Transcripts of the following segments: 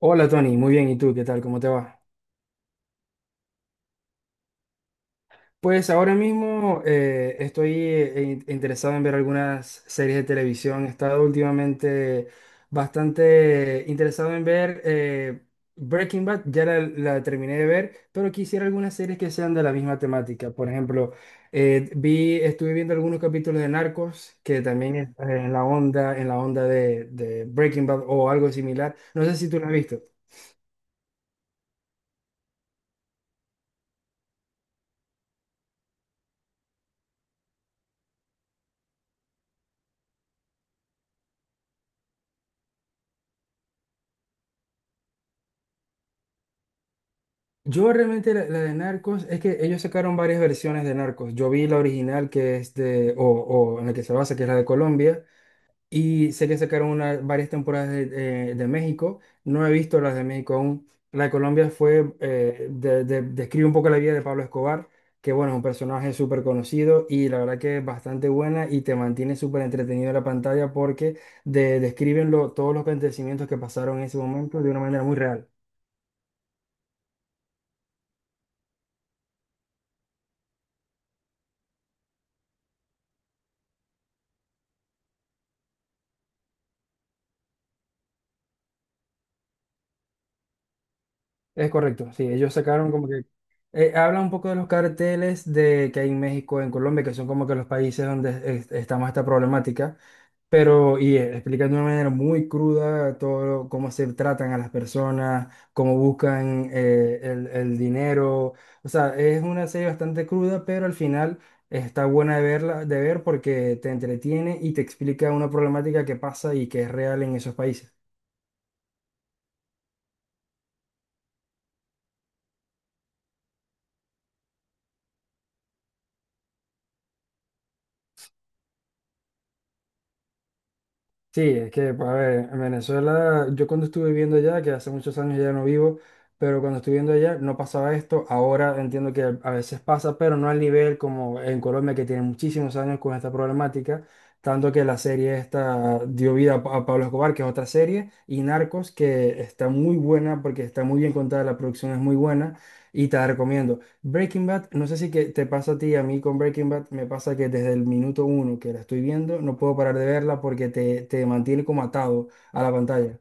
Hola Tony, muy bien. ¿Y tú qué tal? ¿Cómo te va? Pues ahora mismo estoy interesado en ver algunas series de televisión. He estado últimamente bastante interesado en ver Breaking Bad, ya la terminé de ver, pero quisiera algunas series que sean de la misma temática. Por ejemplo, estuve viendo algunos capítulos de Narcos, que también es en la onda, de Breaking Bad o algo similar. No sé si tú lo has visto. Yo realmente la de Narcos, es que ellos sacaron varias versiones de Narcos. Yo vi la original que es o en la que se basa, que es la de Colombia, y sé que sacaron varias temporadas de México. No he visto las de México aún. La de Colombia fue, describe un poco la vida de Pablo Escobar, que bueno, es un personaje súper conocido y la verdad que es bastante buena y te mantiene súper entretenido en la pantalla porque describen todos los acontecimientos que pasaron en ese momento de una manera muy real. Es correcto, sí, ellos sacaron como que, habla un poco de los carteles de que hay en México, en Colombia, que son como que los países donde está más esta problemática, pero y explican de una manera muy cruda todo cómo se tratan a las personas, cómo buscan el dinero, o sea, es una serie bastante cruda, pero al final está buena de verla, de ver porque te entretiene y te explica una problemática que pasa y que es real en esos países. Sí, es que, pues, a ver, en Venezuela, yo cuando estuve viviendo allá, que hace muchos años ya no vivo, pero cuando estuve viviendo allá no pasaba esto. Ahora entiendo que a veces pasa, pero no al nivel como en Colombia, que tiene muchísimos años con esta problemática, tanto que la serie esta dio vida a Pablo Escobar, que es otra serie, y Narcos, que está muy buena porque está muy bien contada, la producción es muy buena, y te la recomiendo. Breaking Bad, no sé si que te pasa a ti, a mí con Breaking Bad me pasa que desde el minuto uno que la estoy viendo no puedo parar de verla porque te mantiene como atado a la pantalla.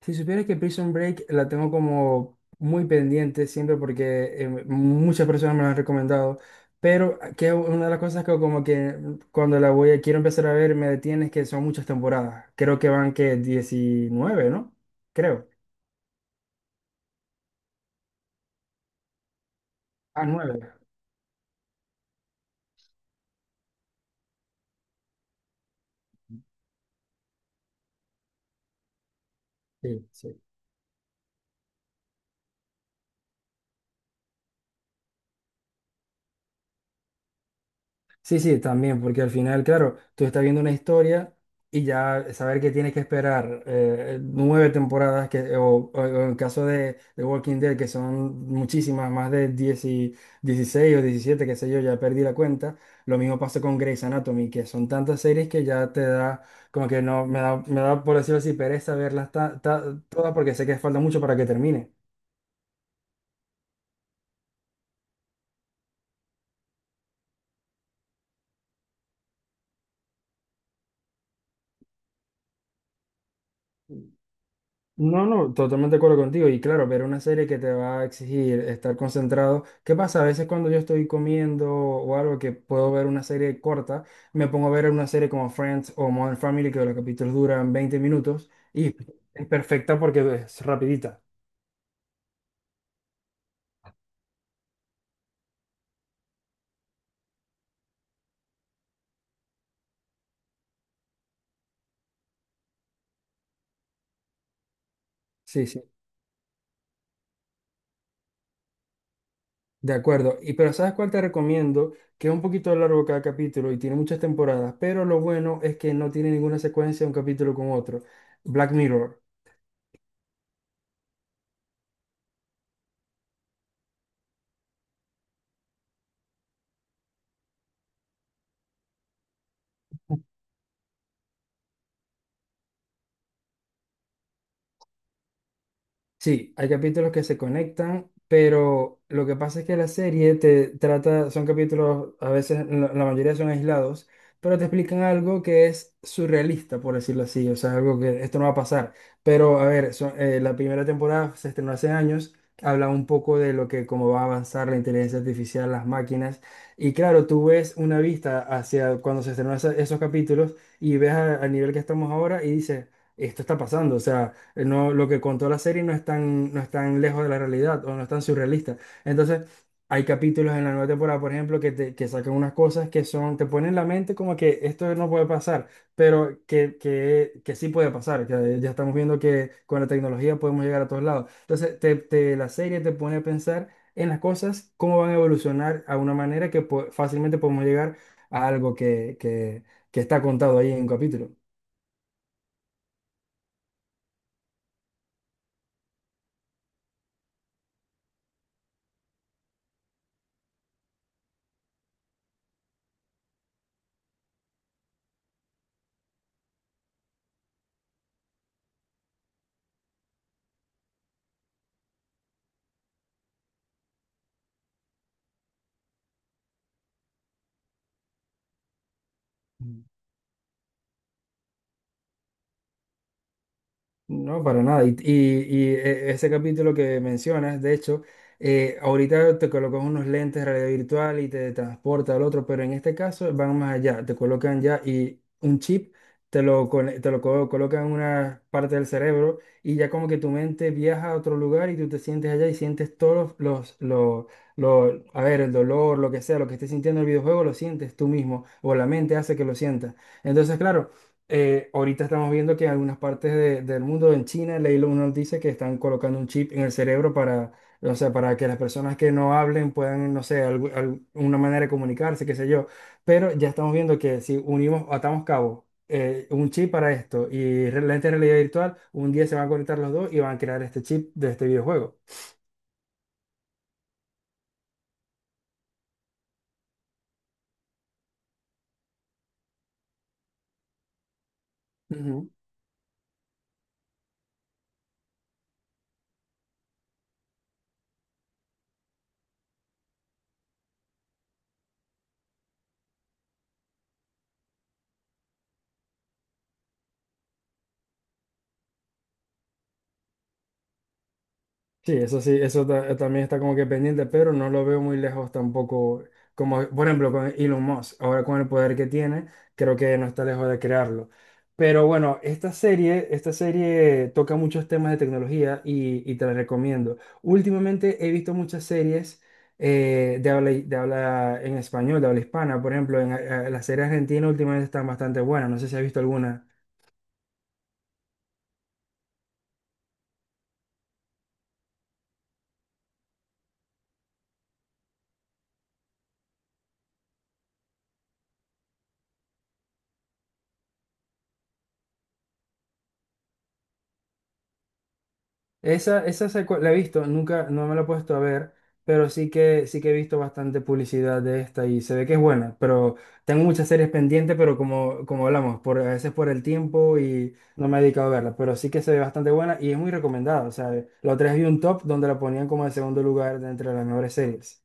Si supieras que Prison Break la tengo como muy pendiente siempre porque muchas personas me la han recomendado, pero que una de las cosas que como que cuando quiero empezar a ver me detiene es que son muchas temporadas. Creo que van que 19, ¿no? Creo. Ah, 9. Sí, sí. Sí, sí, también, porque al final, claro, tú estás viendo una historia y ya saber que tienes que esperar nueve temporadas, que, o en el caso de Walking Dead, que son muchísimas, más de 10 16 o 17, qué sé yo, ya perdí la cuenta. Lo mismo pasa con Grey's Anatomy, que son tantas series que ya te da, como que no, me da por decirlo así, pereza verlas todas porque sé que falta mucho para que termine. No, no, totalmente de acuerdo contigo. Y claro, ver una serie que te va a exigir estar concentrado. ¿Qué pasa? A veces cuando yo estoy comiendo o algo que puedo ver una serie corta, me pongo a ver una serie como Friends o Modern Family, que los capítulos duran 20 minutos y es perfecta porque es rapidita. Sí, sí, de acuerdo. Y pero ¿sabes cuál te recomiendo? Que es un poquito largo cada capítulo y tiene muchas temporadas, pero lo bueno es que no tiene ninguna secuencia un capítulo con otro. Black Mirror. Sí, hay capítulos que se conectan, pero lo que pasa es que la serie te trata, son capítulos, a veces la mayoría son aislados, pero te explican algo que es surrealista, por decirlo así, o sea, algo que esto no va a pasar. Pero a ver, la primera temporada se estrenó hace años, habla un poco de lo que, cómo va a avanzar la inteligencia artificial, las máquinas, y claro, tú ves una vista hacia cuando se estrenó esos capítulos y ves al nivel que estamos ahora y dices, esto está pasando, o sea no, lo que contó la serie no es tan, no es tan lejos de la realidad o no es tan surrealista. Entonces, hay capítulos en la nueva temporada, por ejemplo, que sacan unas cosas que son, te ponen en la mente como que esto no puede pasar, pero que sí puede pasar. Que ya estamos viendo que con la tecnología podemos llegar a todos lados. Entonces, la serie te pone a pensar en las cosas, cómo van a evolucionar a una manera que fácilmente podemos llegar a algo que está contado ahí en un capítulo. No, para nada. Y ese capítulo que mencionas, de hecho, ahorita te colocan unos lentes de realidad virtual y te transporta al otro, pero en este caso van más allá, te colocan ya y un chip, te lo, cone- te lo co- colocan en una parte del cerebro y ya como que tu mente viaja a otro lugar y tú te sientes allá y sientes todos los a ver, el dolor, lo que sea, lo que estés sintiendo en el videojuego, lo sientes tú mismo o la mente hace que lo sientas. Entonces, claro ahorita estamos viendo que en algunas partes del mundo, en China, leí Elon Musk dice que están colocando un chip en el cerebro para, o sea, para que las personas que no hablen puedan, no sé, una manera de comunicarse, qué sé yo. Pero ya estamos viendo que si unimos, atamos cabo, un chip para esto y lentes de realidad virtual, un día se van a conectar los dos y van a crear este chip de este videojuego. Sí, eso también está como que pendiente, pero no lo veo muy lejos tampoco. Como por ejemplo con Elon Musk, ahora con el poder que tiene, creo que no está lejos de crearlo. Pero bueno, esta serie toca muchos temas de tecnología y te la recomiendo. Últimamente he visto muchas series de habla en español, de habla hispana. Por ejemplo, la serie argentina últimamente están bastante buenas. No sé si has visto alguna. Esa sé la he visto, nunca, no me la he puesto a ver, pero sí que he visto bastante publicidad de esta y se ve que es buena, pero tengo muchas series pendientes, pero como hablamos, a veces por el tiempo y no me he dedicado a verla, pero sí que se ve bastante buena y es muy recomendada, o sea, la otra vez vi un top donde la ponían como en segundo lugar de entre las mejores series.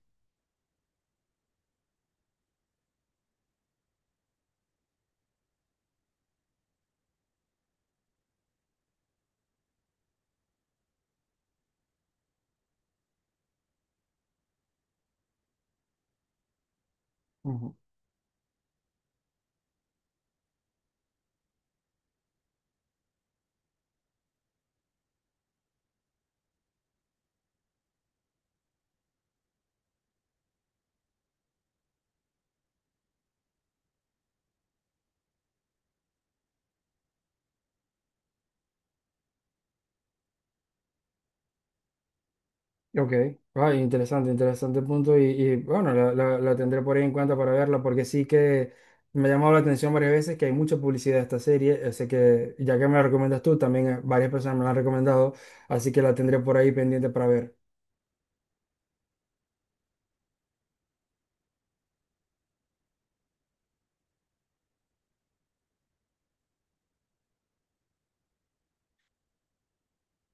Ok, ay, interesante, interesante punto bueno, la tendré por ahí en cuenta para verla porque sí que me ha llamado la atención varias veces que hay mucha publicidad de esta serie, sé que ya que me la recomiendas tú, también varias personas me la han recomendado, así que la tendré por ahí pendiente para ver.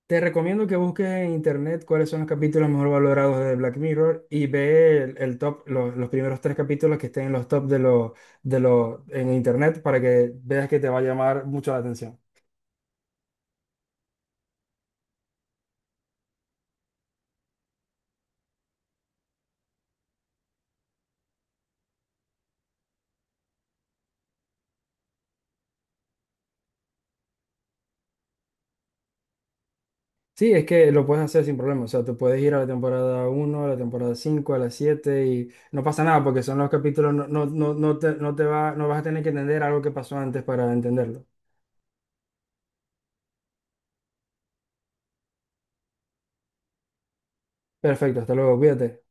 Te recomiendo que busques en internet cuáles son los capítulos mejor valorados de Black Mirror y ve los primeros tres capítulos que estén en los top en internet para que veas que te va a llamar mucho la atención. Sí, es que lo puedes hacer sin problema. O sea, tú puedes ir a la temporada uno, a la temporada 5, a la 7 y no pasa nada porque son los capítulos, no, no, no, no vas a tener que entender algo que pasó antes para entenderlo. Perfecto, hasta luego, cuídate.